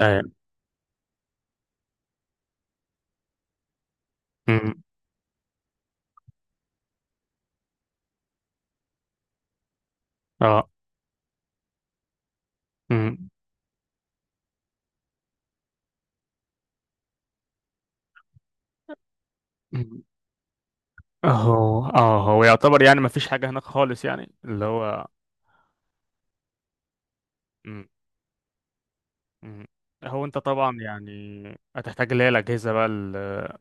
ايوه. أمم. اه. أمم. أمم. هو يعتبر يعني ما فيش حاجة هناك خالص يعني اللي هو. أمم. أمم. هو انت طبعا يعني هتحتاج اللي هي الأجهزة بقى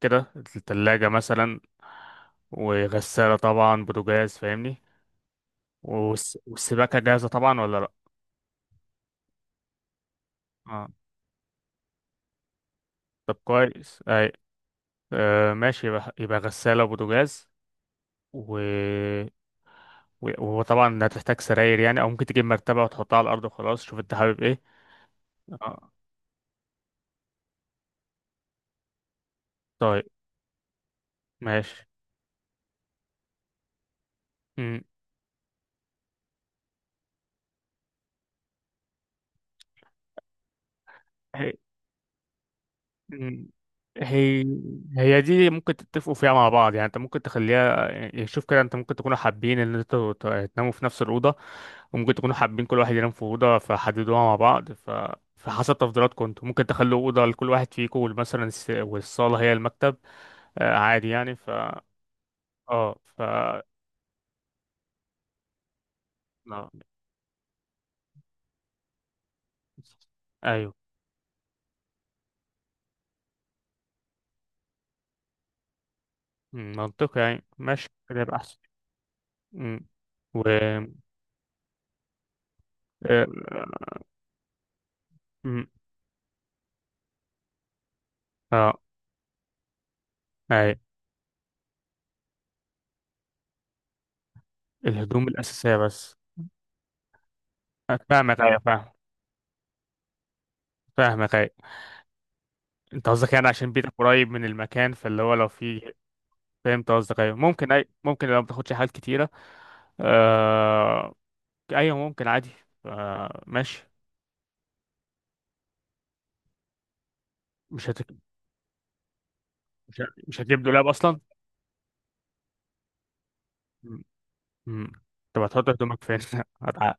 كده. التلاجة مثلا وغسالة طبعا بوتاجاز فاهمني. والسباكة جاهزة طبعا ولا لأ؟ اه طب كويس. اي، آه ماشي. يبقى غسالة وبوتاجاز. و و- وطبعا هتحتاج سراير يعني، او ممكن تجيب مرتبة وتحطها على الارض وخلاص. شوف انت حابب ايه. اه طيب ماشي. مم. هي مم. هي هي دي ممكن تتفقوا فيها مع بعض يعني. انت ممكن تخليها يعني، شوف كده، انت ممكن تكونوا حابين ان انتوا تناموا في نفس الأوضة، وممكن تكونوا حابين كل واحد ينام في أوضة، فحددوها مع بعض. فحسب تفضيلاتكم انتوا ممكن تخلوا أوضة لكل واحد فيكم، مثلا والصالة هي المكتب. آه، عادي يعني. ف اه ف لا. ايوه. مم، منطقي يعني، ماشي كده يبقى احسن. مم. و آه، مم. اه أيوة. الهدوم الأساسية بس. فاهمك أيوة فاهم. فاهمك أيوة. أنت قصدك يعني عشان بيتك قريب من المكان، فاللي هو لو في. فهمت قصدك أيوة. ممكن، أي ممكن لو ما بتاخدش حاجات كتيرة. آه، أيوة ممكن عادي. آه، ماشي. مش هت... مش هتجيب دولاب أصلا. م. م. طب هتحط هدومك فين؟ هتع-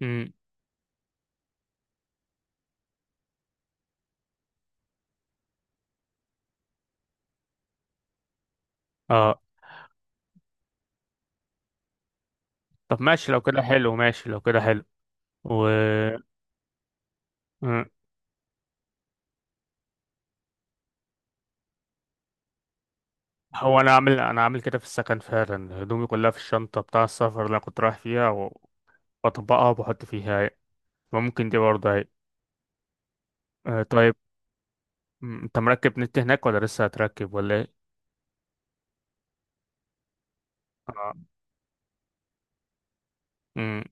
م. اه طب ماشي لو كده حلو، ماشي لو كده حلو. و م. هو انا عامل كده في السكن فعلا، هدومي كلها في الشنطه بتاع السفر اللي انا كنت رايح فيها. بطبقها وبحط فيها هاي. ممكن دي برضه هاي. آه طيب. م، انت مركب نت هناك ولا لسه هتركب ولا ايه؟ آه. م،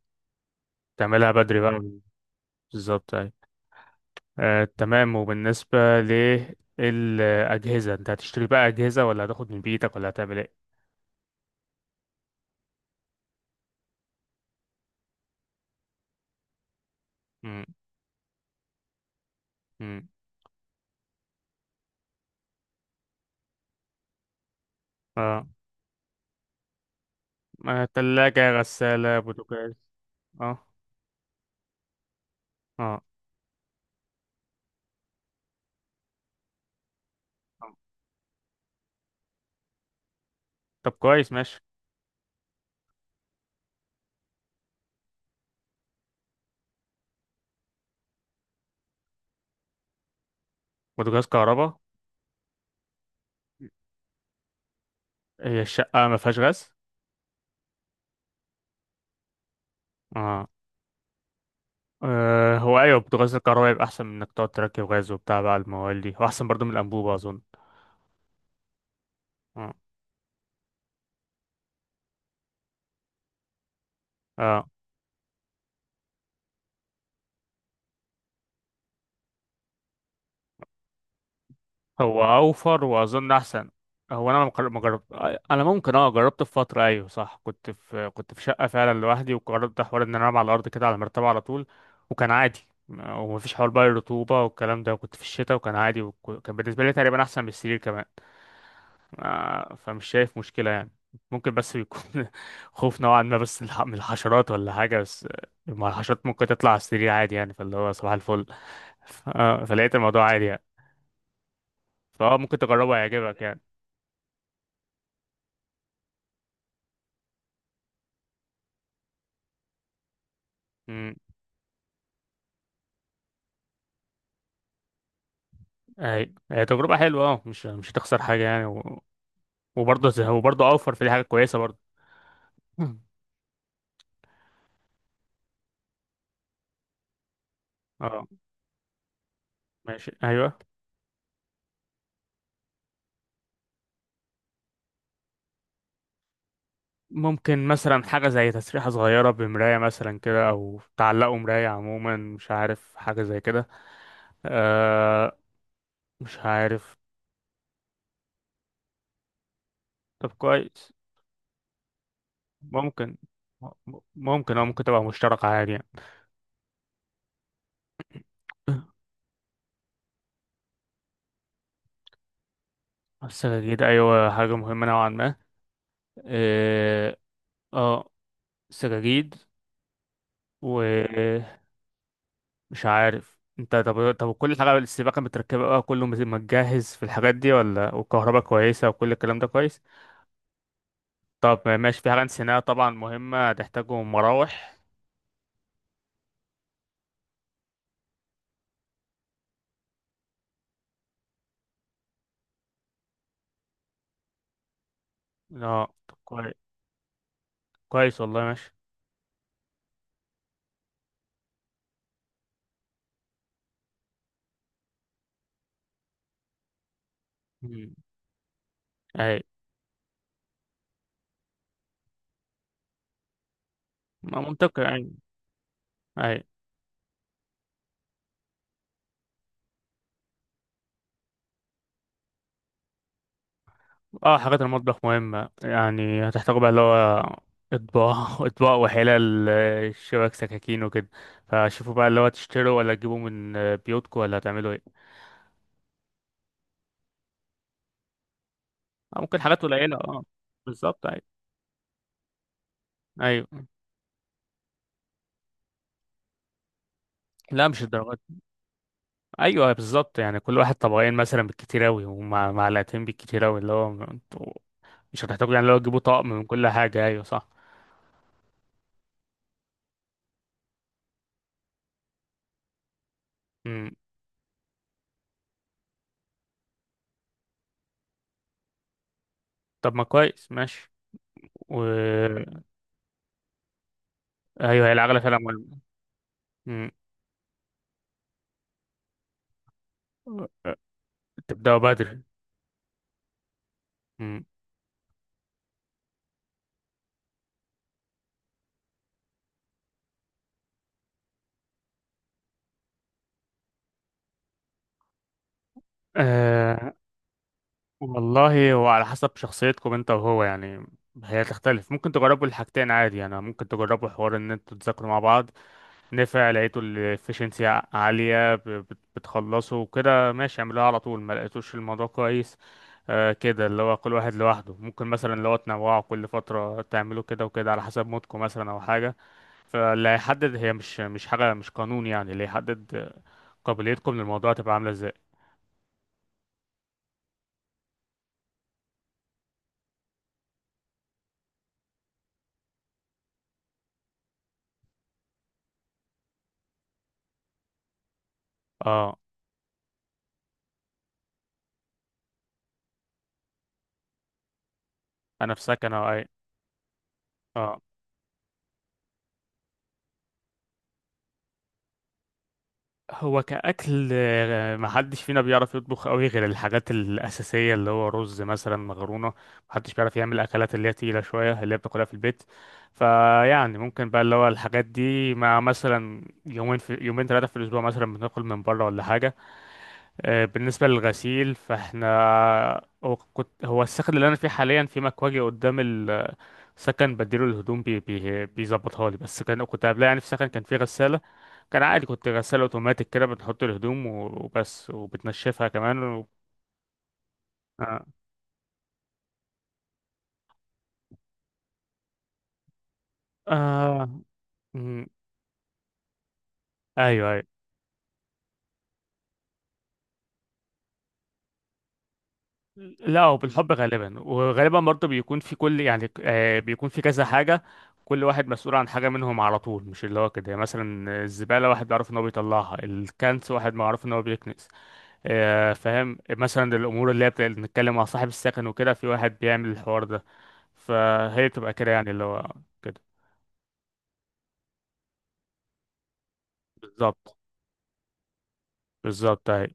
تعملها بدري بقى. بالظبط هاي. آه تمام. وبالنسبة للأجهزة، انت هتشتري بقى أجهزة ولا هتاخد من بيتك ولا هتعمل ايه؟ م، م، اه. آه، تلاجة غسالة بوتاجاز. اه. اه. آه. طب كويس ماشي. بوتاجاز كهرباء. هي الشقة ما فيهاش غاز؟ اه أه. هو أيوة بوتاجاز الكهرباء يبقى أحسن من إنك تقعد تركب غاز وبتاع بقى الموال دي، وأحسن برضو من الأنبوبة أظن. أه أه. هو أوفر وأظن أحسن. هو أنا مقر- ما جرب. أنا ممكن أه جربت في فترة، أيوة صح، كنت في شقة فعلا لوحدي، وجربت حوار إن أنا أنام على الأرض كده على المرتبة على طول. وكان عادي. ومفيش حوار بقى الرطوبة والكلام ده، وكنت في الشتاء وكان عادي. وكان بالنسبة لي تقريبا أحسن من السرير كمان. آه، فمش شايف مشكلة يعني. ممكن بس يكون خوف نوعا ما بس من الحشرات ولا حاجة، بس آه، ما الحشرات ممكن تطلع على السرير عادي يعني، فاللي هو صباح الفل. آه، فلقيت الموضوع عادي يعني. فهو ممكن تجربه، هيعجبك يعني. امم. هي تجربة حلوة اه، مش هتخسر حاجة يعني، و... وبرضه اوفر في، دي حاجة كويسة برضه. مم. اه ماشي ايوه. ممكن مثلا حاجة زي تسريحة صغيرة بمراية مثلا كده، او تعلقوا مراية عموما، مش عارف، حاجة زي كده. آه، مش عارف. طب كويس. ممكن، ممكن او ممكن تبقى مشتركة عادي يعني. السجاجيد ايوه، حاجة مهمة نوعا ما. اه. آه، سجاجيد. ومش عارف انت، طب كل حاجة السباكة متركبة بقى، كله متجهز في الحاجات دي ولا؟ والكهرباء كويسة وكل الكلام ده كويس؟ طب ماشي. في حاجة نسيناها طبعا مهمة هتحتاجهم، مراوح. اه طب كويس. كويس والله، ماشي. مم. اي. ما منطقي يعني. اي. اه حاجات المطبخ مهمة يعني، هتحتاجوا بقى اللي هو اطباق اطباق وحلال آه، شبك سكاكين وكده. فشوفوا بقى اللي هو تشتروا ولا تجيبوا من آه، بيوتكم ولا هتعملوا ايه. آه، ممكن حاجات قليلة اه. بالظبط ايوه ايوه. لا مش الدرجات. ايوه بالظبط، يعني كل واحد طبقين مثلا بالكتير اوي، ومع معلقتين بالكتير اوي، اللي هو انتوا مش هتحتاجوا يعني اللي هو تجيبوا طقم من كل حاجة. ايوه صح. مم. طب ما كويس ماشي. و ايوه، هي العجلة فعلا مهمة. مم. تبدأوا بدري. مم. أه والله، هو على حسب شخصيتكم انت وهو يعني، هي تختلف. ممكن تجربوا الحاجتين عادي يعني. ممكن تجربوا حوار ان انتوا تذاكروا مع بعض، نفع لقيتوا الافشنسي عالية بتخلصوا وكده ماشي اعملوها على طول. ما لقيتوش الموضوع كويس أه كده، اللي هو كل واحد لوحده. ممكن مثلا اللي هو تنوعوا كل فترة تعملوا كده وكده على حسب مودكم مثلا او حاجة. فاللي هيحدد، هي مش حاجة، مش قانون يعني، اللي هيحدد قابليتكم للموضوع تبقى عاملة ازاي. اه انا في سكن او اي. اه هو كأكل آه، محدش فينا بيعرف يطبخ قوي غير الحاجات الأساسية، اللي هو رز مثلا، مكرونة. محدش بيعرف يعمل أكلات اللي هي تقيلة شوية اللي هي بتاكلها في البيت. فيعني ممكن بقى اللي هو الحاجات دي، مع مثلا يومين في يومين 3 في الأسبوع مثلا بناكل من بره ولا حاجة. آه، بالنسبة للغسيل فاحنا، هو السكن اللي انا فيه حاليا في مكواجي قدام السكن بديله الهدوم، بي بيظبطها لي. بس كان كنت قبلها يعني في السكن كان في غسالة. كان عادي. كنت غسالة اوتوماتيك كده، بنحط الهدوم وبس، وبتنشفها كمان و... آه. آه. مم. ايوه ايوه. لا هو بالحب غالبا، وغالبا برضه بيكون في كل يعني آه، بيكون في كذا حاجة. كل واحد مسؤول عن حاجة منهم على طول، مش اللي هو كده يعني. مثلا الزبالة واحد بيعرف ان هو بيطلعها، الكنس واحد معروف ان هو بيكنس. آه، فاهم مثلا الأمور اللي هي اللي بنتكلم مع صاحب السكن وكده في واحد بيعمل الحوار ده. فهي بتبقى كده يعني اللي هو كده. بالظبط، بالظبط اهي.